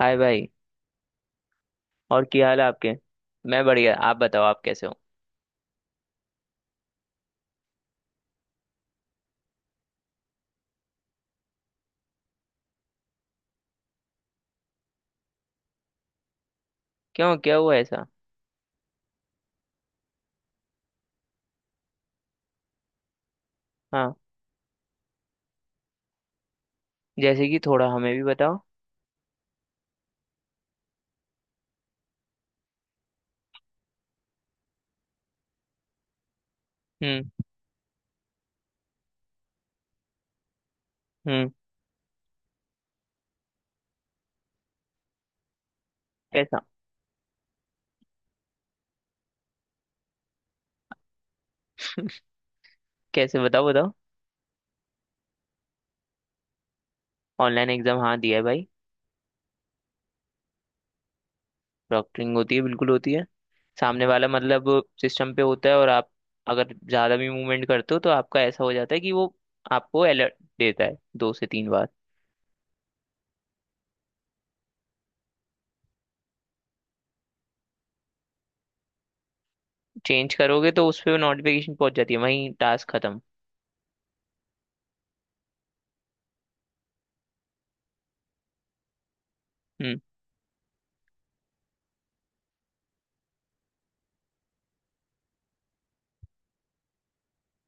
हाय भाई। और क्या हाल है आपके। मैं बढ़िया, आप बताओ आप कैसे हो। क्यों क्या हुआ ऐसा। हाँ, जैसे कि थोड़ा हमें भी बताओ। हम्म। हम्म। कैसा। कैसे बताओ बताओ। ऑनलाइन एग्जाम, हाँ दिया है भाई। प्रॉक्टरिंग होती है, बिल्कुल होती है। सामने वाला, मतलब सिस्टम पे होता है, और आप अगर ज़्यादा भी मूवमेंट करते हो तो आपका ऐसा हो जाता है कि वो आपको अलर्ट देता है, 2 से 3 बार। चेंज करोगे तो उस पर नोटिफिकेशन पहुंच जाती है, वहीं टास्क खत्म। हम्म।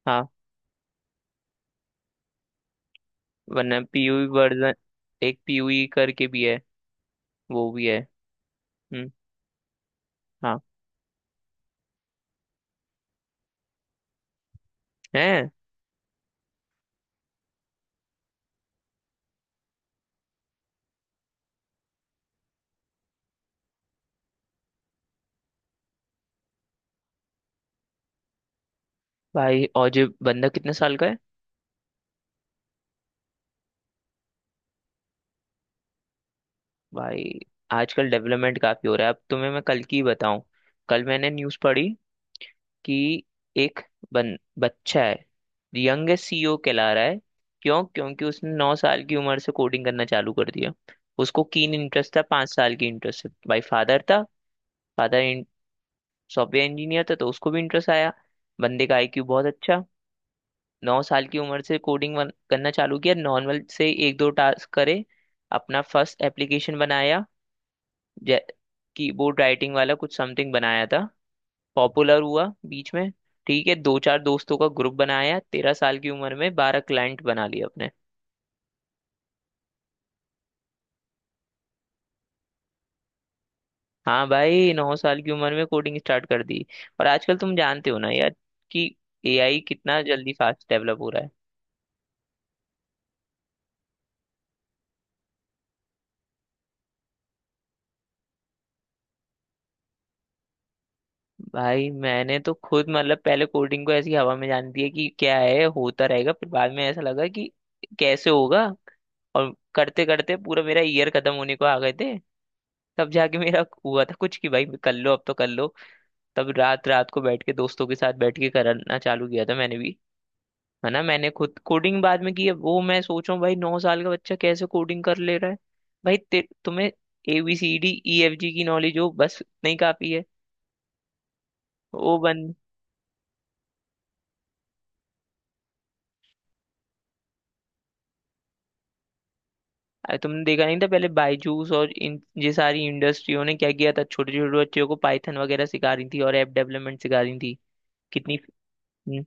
हाँ। वरना पीयूई वर्जन, एक पीयूई करके भी है, वो भी है। हम्म। हाँ। है। भाई, और जो बंदा कितने साल का है। भाई आजकल डेवलपमेंट काफी हो रहा है। अब तुम्हें मैं कल की बताऊं। कल मैंने न्यूज़ पढ़ी कि एक बच्चा है, यंगेस्ट सीईओ कहला रहा है। क्यों। क्योंकि उसने 9 साल की उम्र से कोडिंग करना चालू कर दिया। उसको कीन इंटरेस्ट था, 5 साल की इंटरेस्ट, भाई फादर था। फादर सॉफ्टवेयर इंजीनियर था तो उसको भी इंटरेस्ट आया। बंदे का आईक्यू बहुत अच्छा। 9 साल की उम्र से कोडिंग करना चालू किया, नॉर्मल से एक दो टास्क करे, अपना फर्स्ट एप्लीकेशन बनाया। जै कीबोर्ड राइटिंग वाला कुछ समथिंग बनाया था, पॉपुलर हुआ बीच में। ठीक है, दो चार दोस्तों का ग्रुप बनाया, 13 साल की उम्र में 12 क्लाइंट बना लिए अपने। हाँ भाई, 9 साल की उम्र में कोडिंग स्टार्ट कर दी। और आजकल तुम जानते हो ना यार, कि एआई कितना जल्दी फास्ट डेवलप हो रहा है। भाई मैंने तो खुद मतलब पहले कोडिंग को ऐसी हवा में जाने दिया कि क्या है, होता रहेगा। फिर बाद में ऐसा लगा कि कैसे होगा। और करते करते पूरा मेरा ईयर खत्म होने को आ गए थे। तब जाके मेरा हुआ था कुछ कि भाई कर लो, अब तो कर लो। तब रात रात को बैठ के दोस्तों के साथ बैठ के करना चालू किया था मैंने भी। है ना, मैंने खुद कोडिंग बाद में की है। वो मैं सोच रहा हूँ भाई, 9 साल का बच्चा कैसे कोडिंग कर ले रहा है। भाई तुम्हें A B C D E F G की नॉलेज हो बस, नहीं काफी है। वो बन अरे तुमने देखा नहीं था, पहले बायजूस और इन ये सारी इंडस्ट्रियों ने क्या किया था, छोटे छोटे बच्चों को पाइथन वगैरह सिखा रही थी और ऐप डेवलपमेंट सिखा रही थी। कितनी। हम्म।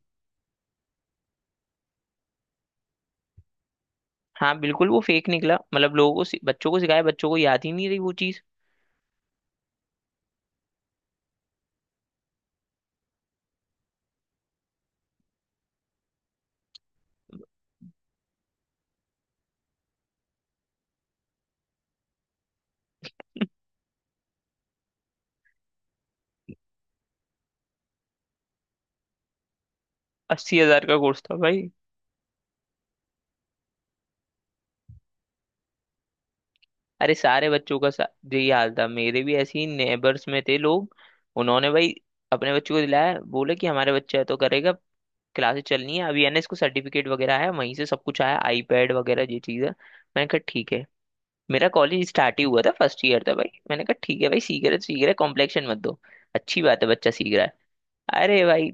हाँ बिल्कुल, वो फेक निकला। मतलब लोगों को बच्चों को सिखाया, बच्चों को याद ही नहीं रही वो चीज। 80,000 का कोर्स था भाई। अरे सारे बच्चों का यही हाल था। मेरे भी ऐसे ही नेबर्स में थे लोग, उन्होंने भाई अपने बच्चों को दिलाया, बोले कि हमारे बच्चा है तो करेगा। क्लासेस चलनी है, अभी एनएस को सर्टिफिकेट वगैरह आया, वहीं से सब कुछ आया आईपैड वगैरह, ये चीज़ है। मैंने कहा ठीक है। मेरा कॉलेज स्टार्ट ही हुआ था, फर्स्ट ईयर था भाई। मैंने कहा ठीक है भाई, सीख रहे तो सीख रहे, कॉम्प्लेक्शन मत दो, अच्छी बात है बच्चा सीख रहा है। अरे भाई,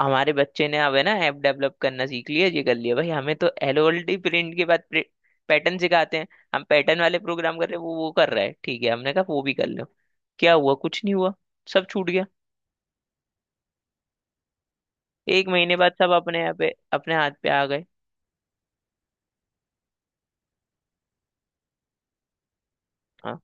हमारे बच्चे ने अब है ना ऐप डेवलप करना सीख लिया, ये कर लिया, भाई हमें तो एलओएलडी प्रिंट के बाद पैटर्न सिखाते हैं। हम पैटर्न वाले प्रोग्राम कर रहे हैं, वो कर रहा है। ठीक है, हमने कहा वो भी कर लो। क्या हुआ, कुछ नहीं हुआ, सब छूट गया। एक महीने बाद सब अपने यहाँ पे अपने हाथ पे आ गए। हाँ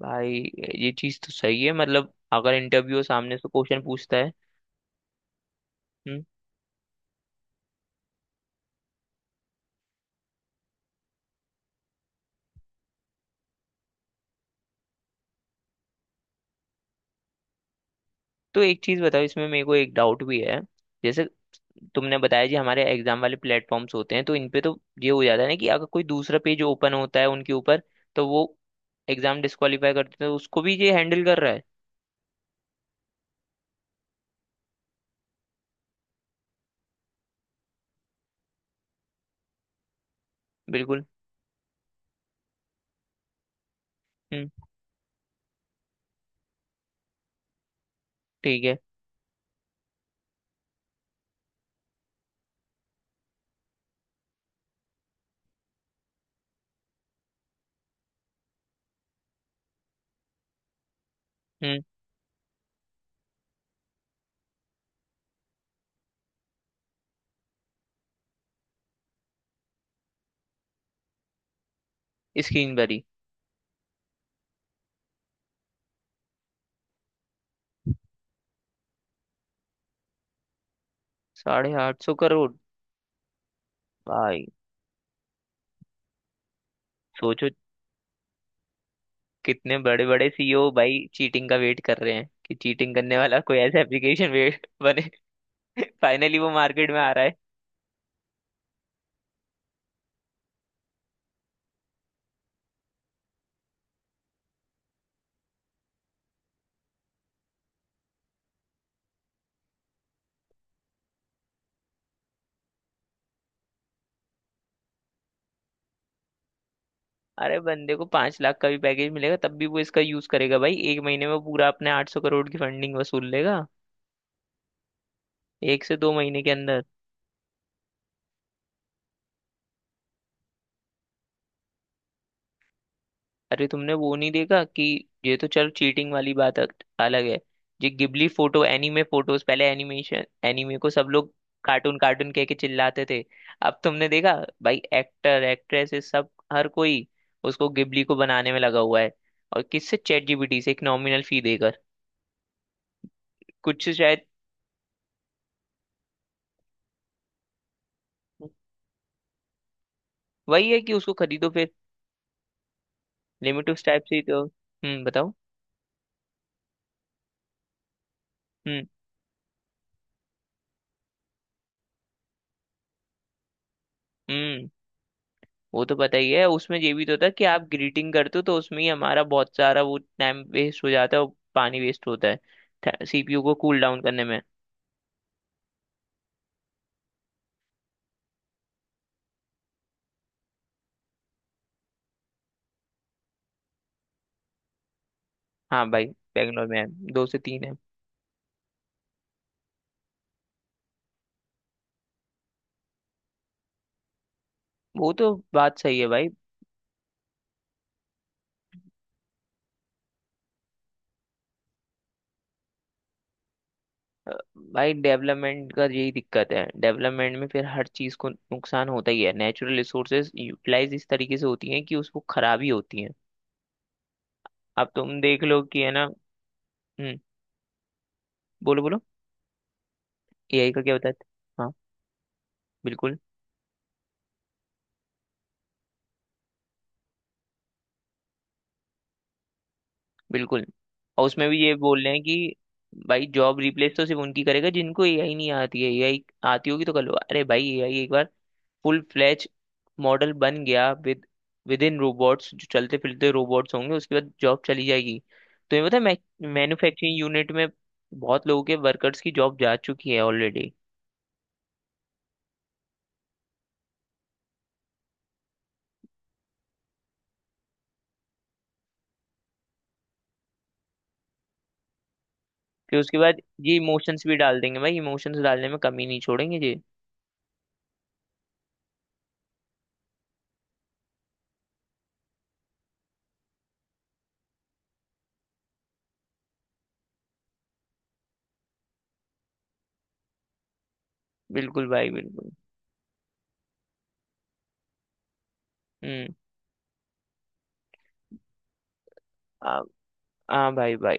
भाई, ये चीज तो सही है। मतलब अगर इंटरव्यू सामने से क्वेश्चन पूछता है। तो एक चीज बताओ, इसमें मेरे को एक डाउट भी है। जैसे तुमने बताया जी, हमारे एग्जाम वाले प्लेटफॉर्म्स होते हैं तो इन पे तो ये हो जाता है ना कि अगर कोई दूसरा पेज ओपन होता है उनके ऊपर, तो वो एग्जाम डिस्क्वालीफाई करते हैं। तो उसको भी ये हैंडल कर रहा है। बिल्कुल। हम्म। ठीक है। हम्म। स्क्रीन भरी। 850 करोड़। भाई। सोचो, कितने बड़े बड़े सीईओ भाई चीटिंग का वेट कर रहे हैं, कि चीटिंग करने वाला कोई ऐसा एप्लीकेशन वेट बने। फाइनली वो मार्केट में आ। अरे बंदे को 5 लाख का भी पैकेज मिलेगा, तब भी वो इसका यूज करेगा। भाई एक महीने में वो पूरा अपने 800 करोड़ की फंडिंग वसूल लेगा, 1 से 2 महीने के अंदर। अरे तुमने वो नहीं देखा कि ये तो चल, चीटिंग वाली बात अलग है। ये गिबली फोटो, एनीमे फोटोज, पहले एनिमेशन एनीमे को सब लोग कार्टून कार्टून कह के चिल्लाते थे। अब तुमने देखा भाई, एक्टर एक्ट्रेसेस सब हर कोई उसको गिबली को बनाने में लगा हुआ है। और किससे, चैट जीपीटी से, एक नॉमिनल फी देकर। कुछ शायद वही है कि उसको खरीदो फिर। लिमिट उस टाइप से ही तो, बताओ। हम्म। हम्म। वो तो पता ही है। उसमें ये भी तो था कि आप ग्रीटिंग करते हो तो उसमें ही हमारा बहुत सारा वो टाइम वेस्ट हो जाता है, और पानी वेस्ट होता है सीपीयू को कूल डाउन करने में। हाँ भाई। बैंगलोर में है, 2 से 3 है। वो तो बात सही है भाई। अ, भाई डेवलपमेंट का यही दिक्कत है, डेवलपमेंट में फिर हर चीज़ को नुकसान होता ही है। नेचुरल रिसोर्सेज यूटिलाइज इस तरीके से होती हैं कि उसको खराबी होती है। अब तुम देख लो कि, है ना। हम्म। बोलो बोलो। एआई का क्या बताते। हाँ, बिल्कुल, बिल्कुल। और उसमें भी ये बोल रहे हैं कि, भाई जॉब रिप्लेस तो सिर्फ उनकी करेगा जिनको एआई नहीं आती है। एआई आती होगी तो कर लो। अरे भाई, एआई एक बार फुल फ्लैच मॉडल बन गया विद विद इन रोबोट्स, जो चलते फिरते रोबोट्स होंगे, उसके बाद जॉब चली जाएगी। तो ये पता है, मैन्युफैक्चरिंग यूनिट में बहुत लोगों के वर्कर्स की जॉब जा चुकी है ऑलरेडी। फिर उसके बाद ये इमोशंस भी डाल देंगे, भाई इमोशंस डालने में कमी नहीं छोड़ेंगे जी। बिल्कुल भाई बिल्कुल। हम्म। आ- हाँ भाई भाई।